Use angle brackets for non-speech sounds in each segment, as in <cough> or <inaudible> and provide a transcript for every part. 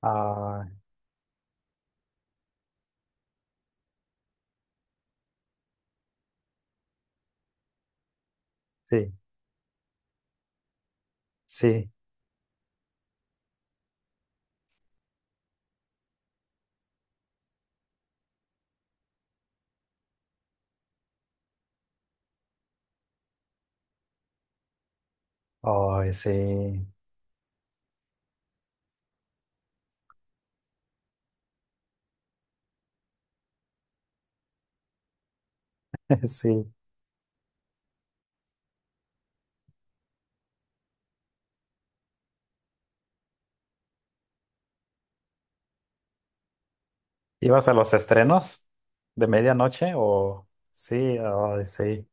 Ah, sí, sí, ay, sí, <laughs> sí. ¿Ibas a los estrenos de medianoche o sí, ay, sí?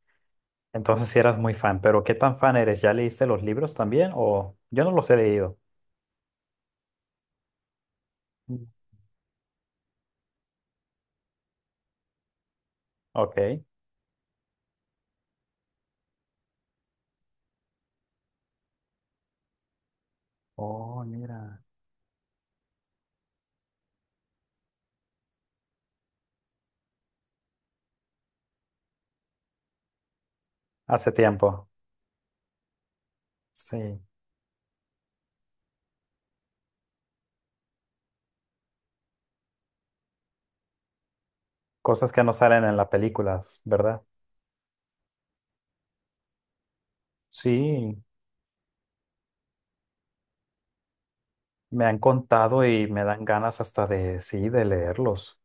Entonces sí eras muy fan, pero ¿qué tan fan eres? ¿Ya leíste los libros también o yo no los he leído? Mm. Ok. Oh, mira. Hace tiempo, sí. Cosas que no salen en las películas, ¿verdad? Sí, me han contado y me dan ganas hasta de, sí, de leerlos.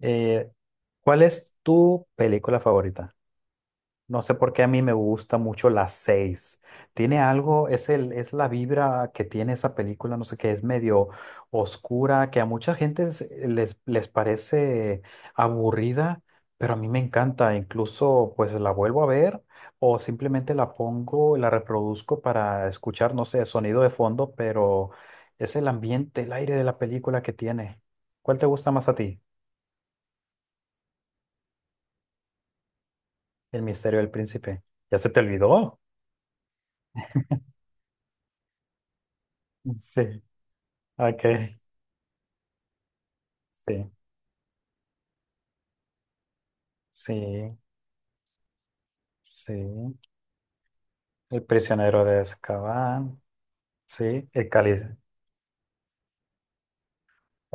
Eh, ¿Cuál es tu película favorita? No sé por qué a mí me gusta mucho las seis. Tiene algo, es la vibra que tiene esa película, no sé qué, es medio oscura, que a mucha gente les parece aburrida, pero a mí me encanta. Incluso pues la vuelvo a ver o simplemente la pongo, la reproduzco para escuchar, no sé, sonido de fondo, pero es el ambiente, el aire de la película que tiene. ¿Cuál te gusta más a ti? El misterio del príncipe. ¿Ya se te olvidó? Sí. Ok. Sí. Sí, sí. El prisionero de Azkaban. Sí, el cáliz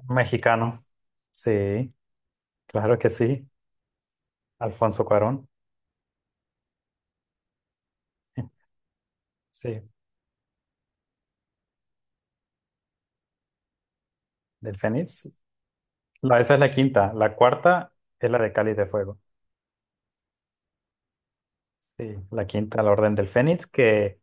mexicano. Sí, claro que sí. Alfonso Cuarón. <laughs> Sí, del Fénix. La, esa es la quinta. La cuarta es la de Cáliz de Fuego. Sí, la quinta, la Orden del Fénix, que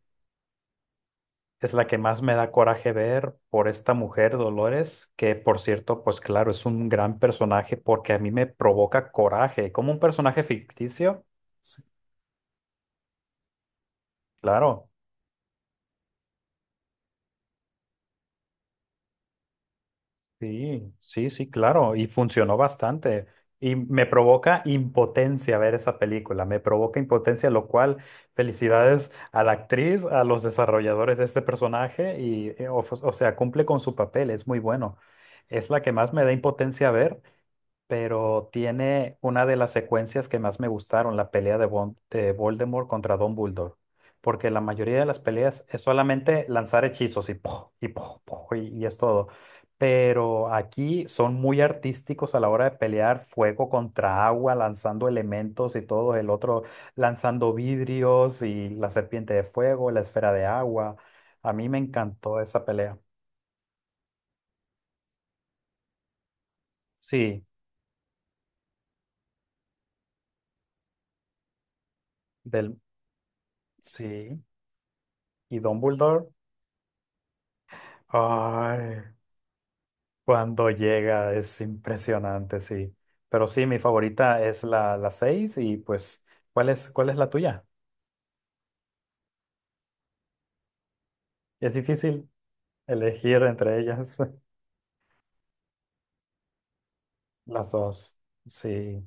es la que más me da coraje ver por esta mujer, Dolores, que por cierto, pues claro, es un gran personaje porque a mí me provoca coraje. Como un personaje ficticio, sí, claro. Sí, sí, sí, claro, y funcionó bastante. Y me provoca impotencia ver esa película, me provoca impotencia, lo cual felicidades a la actriz, a los desarrolladores de este personaje, y, o sea, cumple con su papel, es muy bueno. Es la que más me da impotencia ver, pero tiene una de las secuencias que más me gustaron, la pelea de, de Voldemort contra Dumbledore, porque la mayoría de las peleas es solamente lanzar hechizos y ¡pum! Y ¡pum! ¡Pum! Y es todo. Pero aquí son muy artísticos a la hora de pelear fuego contra agua, lanzando elementos y todo, el otro lanzando vidrios y la serpiente de fuego, la esfera de agua. A mí me encantó esa pelea. Sí, del, sí. Y Dumbledore. Ay. Cuando llega es impresionante, sí. Pero sí, mi favorita es la 6 y pues, cuál es la tuya? Es difícil elegir entre ellas <laughs> las dos. Sí.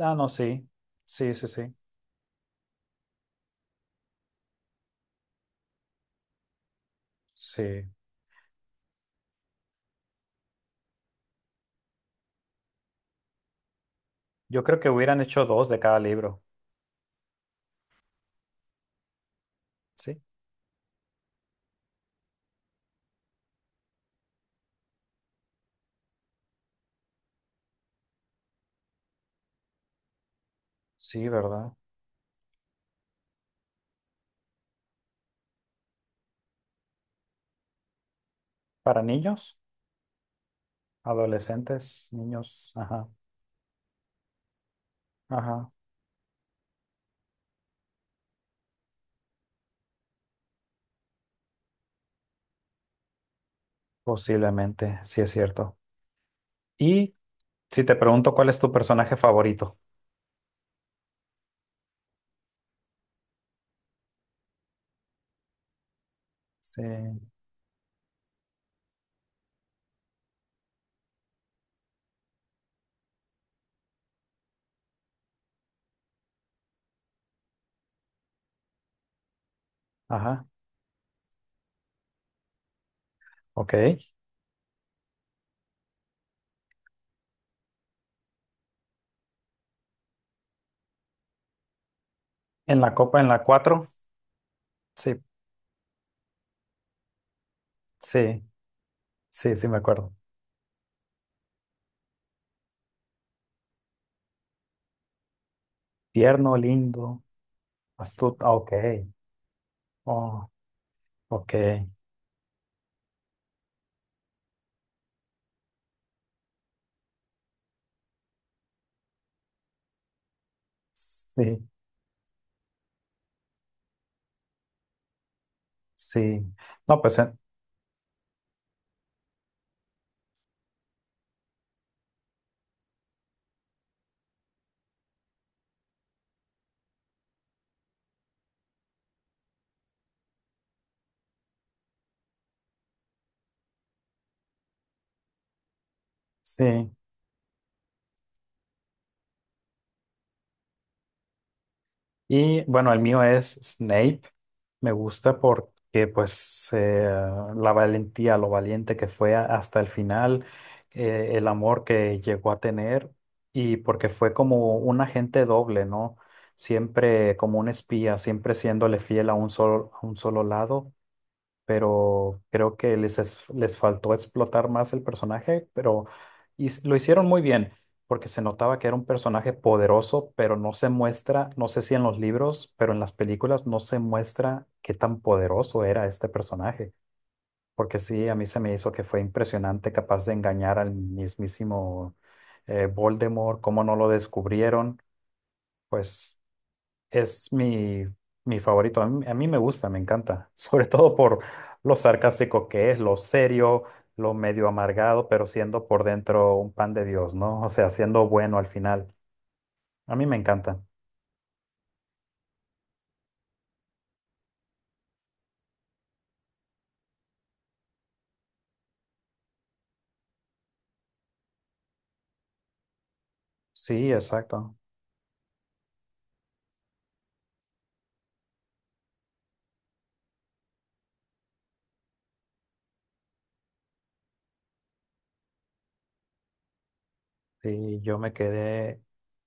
Ah, no, sí. Sí, sí, sí. Sí. Yo creo que hubieran hecho dos de cada libro. Sí. Sí, ¿verdad? Para niños, adolescentes, niños. Ajá. Ajá. Posiblemente, sí es cierto. Y si te pregunto cuál es tu personaje favorito. Sí. Ajá. Ok. En la copa, en la cuatro. Sí, sí, sí, sí, me acuerdo. Tierno, lindo, astuto. Ah, ok. Oh, ok. Sí, sí. No, pues sí. Y bueno, el mío es Snape. Me gusta porque pues la valentía, lo valiente que fue hasta el final, el amor que llegó a tener y porque fue como un agente doble, ¿no? Siempre como un espía, siempre siéndole fiel a un solo lado, pero creo que les faltó explotar más el personaje, pero lo hicieron muy bien, porque se notaba que era un personaje poderoso, pero no se muestra, no sé si en los libros, pero en las películas no se muestra qué tan poderoso era este personaje, porque sí, a mí se me hizo que fue impresionante, capaz de engañar al mismísimo Voldemort, cómo no lo descubrieron, pues... Es mi favorito. A mí me gusta, me encanta. <laughs> Sobre todo por lo sarcástico que es, lo serio, lo medio amargado, pero siendo por dentro un pan de Dios, ¿no? O sea, siendo bueno al final. A mí me encanta. Sí, exacto. Sí, yo me quedé,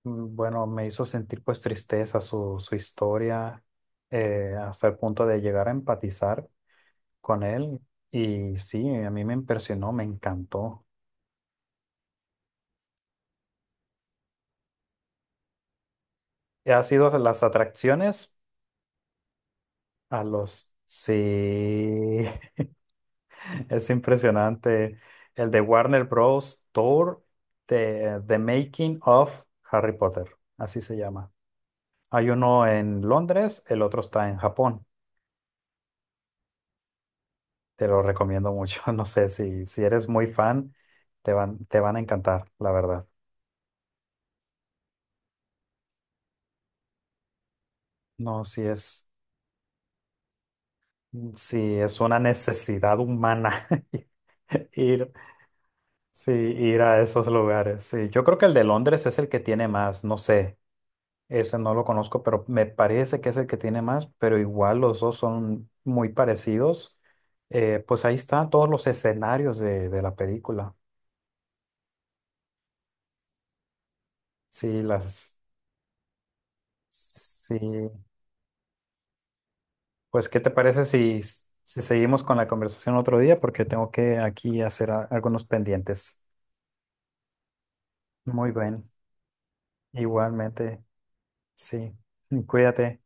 bueno, me hizo sentir pues tristeza su historia, hasta el punto de llegar a empatizar con él. Y sí, a mí me impresionó, me encantó. Ha sido las atracciones. A los... Sí, <laughs> es impresionante. El de Warner Bros. Tour de The Making of Harry Potter. Así se llama. Hay uno en Londres, el otro está en Japón. Te lo recomiendo mucho. <laughs> No sé si eres muy fan, te van a encantar, la verdad. No, si es, si es una necesidad humana <laughs> ir, sí, ir a esos lugares. Sí, yo creo que el de Londres es el que tiene más, no sé. Ese no lo conozco, pero me parece que es el que tiene más, pero igual los dos son muy parecidos. Pues ahí están todos los escenarios de la película. Sí, las... Sí, pues ¿qué te parece si seguimos con la conversación otro día? Porque tengo que aquí hacer algunos pendientes. Muy bien, igualmente, sí. Cuídate.